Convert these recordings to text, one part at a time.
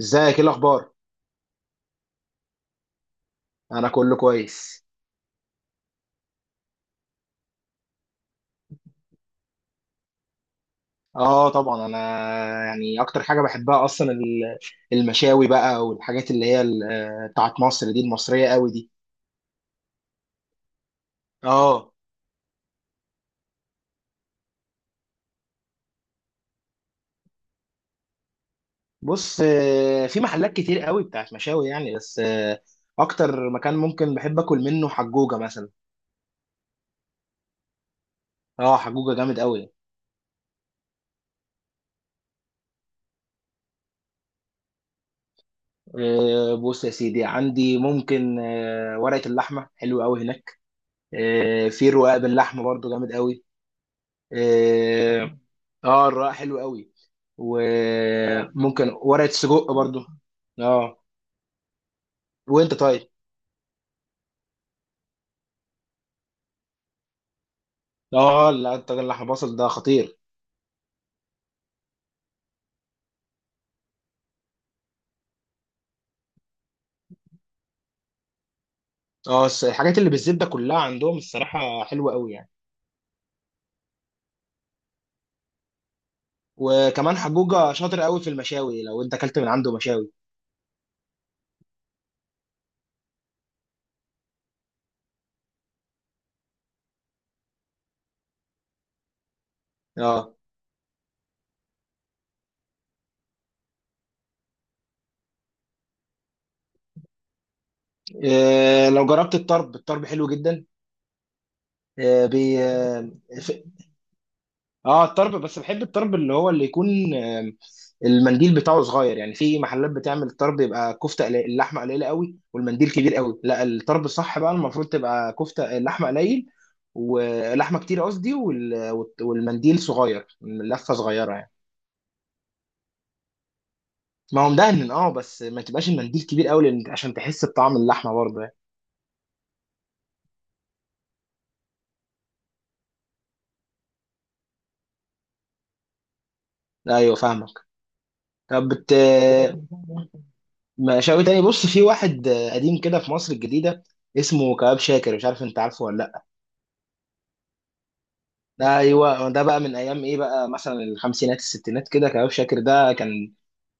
ازيك، ايه الاخبار؟ انا كله كويس. اه، طبعا، انا يعني اكتر حاجه بحبها اصلا المشاوي بقى، والحاجات اللي هي بتاعت مصر دي، المصريه قوي دي. اه، بص، في محلات كتير قوي بتاعت مشاوي يعني، بس اكتر مكان ممكن بحب اكل منه حجوجه مثلا. اه، حجوجه جامد قوي. بص يا سيدي، عندي ممكن ورقه اللحمه حلو قوي هناك. في الرقاق باللحمه برضو جامد قوي. آه، اه، الرقاق حلو قوي، وممكن ورقة سجق برضو. اه، وانت طيب؟ اه، لا، الطاجن اللحمة بصل ده خطير. اه، الحاجات اللي بالزبدة كلها عندهم الصراحة حلوة قوي يعني. وكمان حجوجة شاطر قوي في المشاوي لو انت اكلت من عنده مشاوي. اه. لو جربت الطرب، الطرب حلو جدا. إيه، بي اه، الطرب، بس بحب الطرب اللي هو اللي يكون المنديل بتاعه صغير يعني. في محلات بتعمل الطرب يبقى كفته قليل، اللحمه قليله قوي والمنديل كبير قوي. لا، الطرب الصح بقى المفروض تبقى كفته اللحمه قليل ولحمه كتير قصدي، والمنديل صغير، اللفه صغيره يعني. ما هو مدهن اه، بس ما تبقاش المنديل كبير قوي، لان عشان تحس بطعم اللحمه برضه يعني. ايوه فاهمك. طب بت... مشاوي تاني، بص، في واحد قديم كده في مصر الجديده، اسمه كباب شاكر، مش عارف انت عارفه ولا. ده ايوه، ده بقى من ايام ايه بقى، مثلا الخمسينات الستينات كده. كباب شاكر ده كان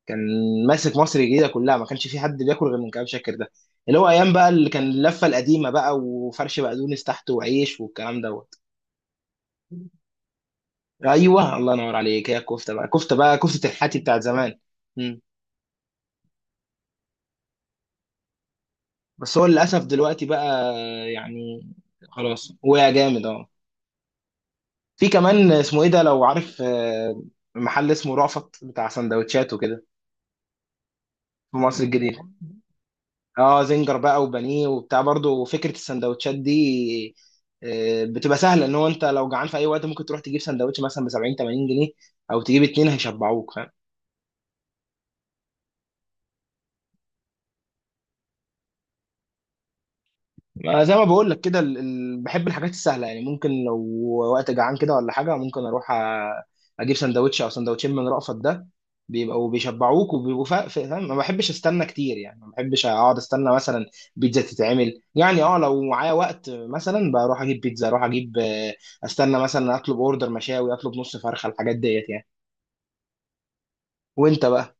كان ماسك مصر الجديده كلها، ما كانش في حد بياكل غير من كباب شاكر ده. اللي هو ايام بقى اللي كان اللفه القديمه بقى، وفرش بقدونس تحته وعيش والكلام دوت. ايوه الله ينور عليك، هي الكفته بقى، كفته الحاتي بتاعت زمان. مم. بس هو للاسف دلوقتي بقى، يعني، خلاص، وقع جامد اه. في كمان اسمه ايه ده لو عارف، محل اسمه رأفت بتاع سندوتشات وكده. في مصر الجديده. اه، زنجر بقى وبانيه وبتاع برضه. فكره السندوتشات دي بتبقى سهله، ان هو انت لو جعان في اي وقت ممكن تروح تجيب سندوتش مثلا ب 70 80 جنيه، او تجيب اتنين هيشبعوك. ما زي ما بقول لك كده، بحب الحاجات السهله يعني. ممكن لو وقت جعان كده ولا حاجه، ممكن اروح اجيب سندوتش او سندوتشين من رأفت ده. بيبقوا بيشبعوك، وبيبقوا فاهم. ما بحبش استنى كتير يعني، ما بحبش اقعد استنى مثلا بيتزا تتعمل يعني. اه، لو معايا وقت مثلا بروح اجيب بيتزا، اروح اجيب استنى، مثلا اطلب اوردر مشاوي، اطلب نص فرخه، الحاجات ديت يعني. وانت بقى؟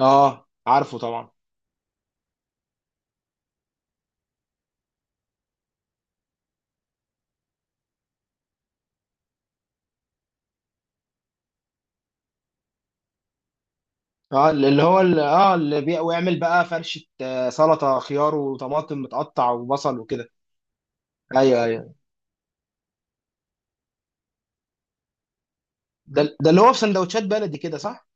اه، عارفه طبعا. اه، اللي هو اللي اه، ويعمل بقى فرشة سلطة خيار وطماطم متقطع وبصل وكده. ايوه ايوه، ده اللي هو في سندوتشات بلدي كده، صح؟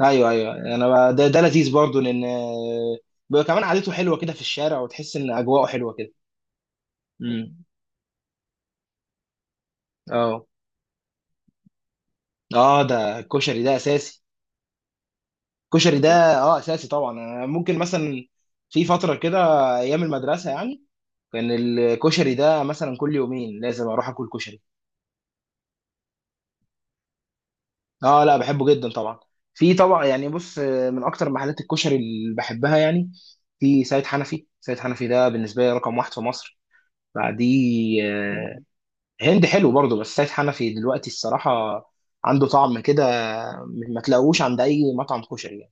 ايوه ايوه، انا بقى ده لذيذ برضو لان بيبقى كمان قعدته حلوة كده في الشارع، وتحس ان اجواءه حلوة كده. امم. اه. اه، ده الكشري ده اساسي. الكشري ده، اه، اساسي طبعا. أنا ممكن مثلا في فترة كده، ايام المدرسة يعني، كان الكشري ده مثلا كل يومين لازم اروح اكل كشري. اه، لا، بحبه جدا طبعا. في طبعا يعني، بص من اكتر محلات الكشري اللي بحبها يعني، في سيد حنفي. سيد حنفي ده بالنسبه لي رقم واحد في مصر. بعديه هند، حلو برضه، بس سيد حنفي دلوقتي الصراحه عنده طعم كده ما تلاقوش عند اي مطعم كشري يعني.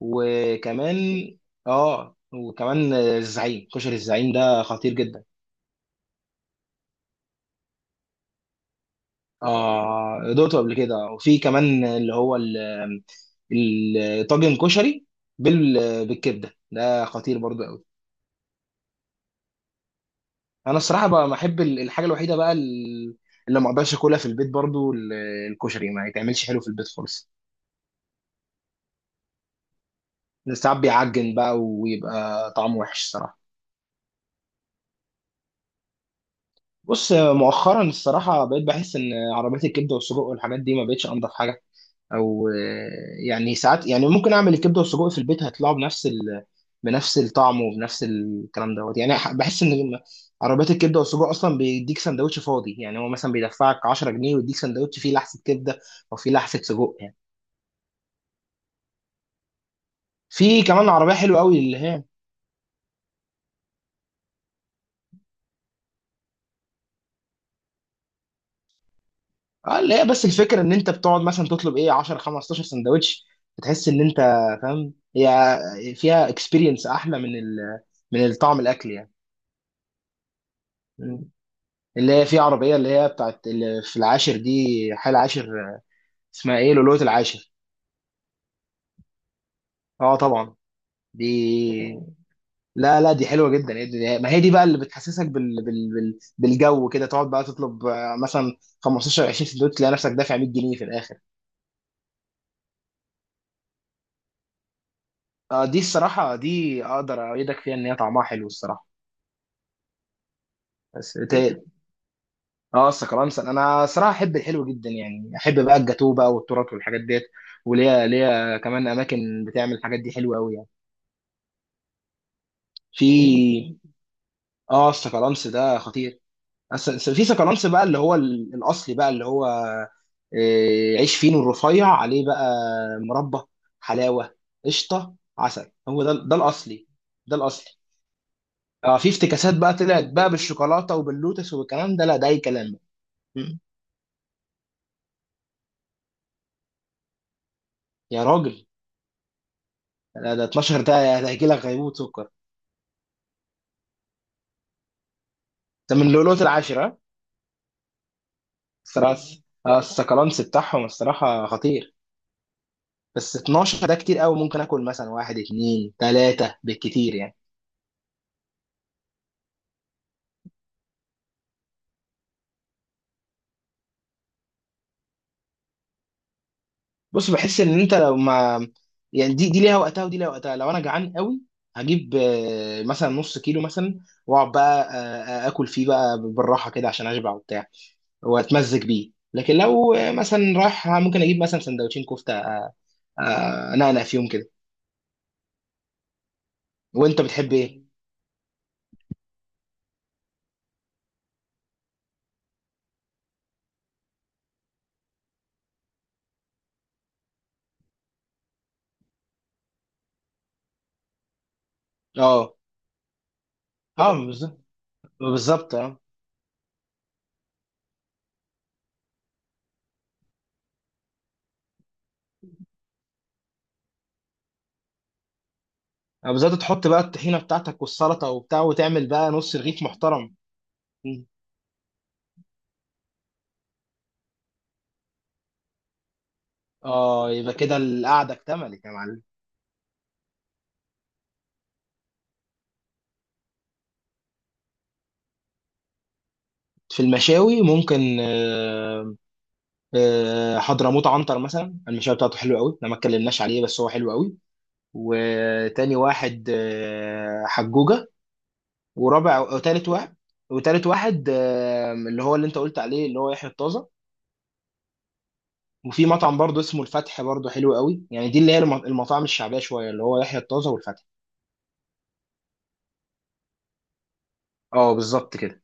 وكمان، اه، وكمان الزعيم، كشري الزعيم ده خطير جدا. اه، دوقته قبل كده. وفي كمان اللي هو الطاجن كشري بالكبده ده خطير برضو قوي. انا الصراحه بقى بحب الحاجه الوحيده بقى اللي ما اقدرش اكلها في البيت برضو الكشري، ما يتعملش حلو في البيت خالص. ساعات بيعجن بقى ويبقى طعمه وحش الصراحه. بص، مؤخرا الصراحه بقيت بحس ان عربيات الكبده والسجق والحاجات دي ما بقتش انضف حاجه، او يعني، ساعات يعني، ممكن اعمل الكبده والسجق في البيت هيطلعوا بنفس بنفس الطعم وبنفس الكلام دوت يعني. بحس ان لما عربيات الكبده والسجق اصلا بيديك سندوتش فاضي يعني، هو مثلا بيدفعك 10 جنيه ويديك سندوتش فيه لحسه كبده او فيه لحسه سجق يعني. في كمان عربيه حلوه قوي اللي هي، اه، اللي هي بس الفكره ان انت بتقعد مثلا تطلب ايه 10 15 سندوتش، بتحس ان انت فاهم، هي فيها اكسبيرينس احلى من من الطعم الاكل يعني. اللي هي في عربية اللي هي بتاعت اللي في العاشر دي، حي العاشر، اسمها ايه، لؤلؤة العاشر. اه طبعا. دي، لا لا، دي حلوة جدا. ما هي دي بقى اللي بتحسسك بالجو كده، تقعد بقى تطلب مثلا 15 20 سندوتش، تلاقي نفسك دافع 100 جنيه في الاخر. اه، دي الصراحة دي اقدر اؤيدك فيها، ان هي طعمها حلو الصراحة. بس ت- اه، السكرانسل، انا صراحة احب الحلو جدا يعني، احب بقى الجاتوه بقى والتورت والحاجات ديت. وليا ليا كمان اماكن بتعمل الحاجات دي حلوة قوي يعني. في، اه، السكالانس ده خطير. بس في سكالانس بقى اللي هو الاصلي بقى اللي هو عيش فينو الرفيع عليه بقى، مربى، حلاوه، قشطه، عسل، هو ده، ده الاصلي. ده الاصلي. اه، في افتكاسات بقى طلعت بقى بالشوكولاته وباللوتس والكلام ده، لا، ده اي كلام بقى. م. يا راجل، لا، ده 12 ده هيجي لك غيبوبه سكر. ده من لؤلؤه العاشره. الصراحه، السكالانس بتاعهم الصراحه خطير. بس 12 ده كتير قوي، ممكن اكل مثلا واحد اتنين تلاته بالكتير يعني. بص، بحس ان انت لو ما، يعني دي ليها وقتها، ودي ليها وقتها. لو انا جعان قوي هجيب مثلا نص كيلو مثلا، واقعد بقى اكل فيه بقى بالراحه كده عشان اشبع وبتاع، واتمزج بيه. لكن لو مثلا رايح ممكن اجيب مثلا سندوتشين كفته، انقنق فيهم كده. وانت بتحب ايه؟ اه، اه، بالظبط بالظبط اه. بالظبط، تحط بقى الطحينه بتاعتك والسلطه وبتاع، وتعمل بقى نص رغيف محترم. اه، يبقى كده القعده اكتملت يا معلم. في المشاوي ممكن حضرموت عنتر مثلا، المشاوي بتاعته حلوه قوي، احنا ما اتكلمناش عليه، بس هو حلو قوي. وتاني واحد حجوجه. ورابع وتالت واحد وتالت واحد اللي هو اللي انت قلت عليه اللي هو يحيى الطازه. وفي مطعم برضه اسمه الفتح، برضه حلو قوي يعني. دي اللي هي المطاعم الشعبيه شويه، اللي هو يحيى الطازه والفتح. اه، بالظبط كده.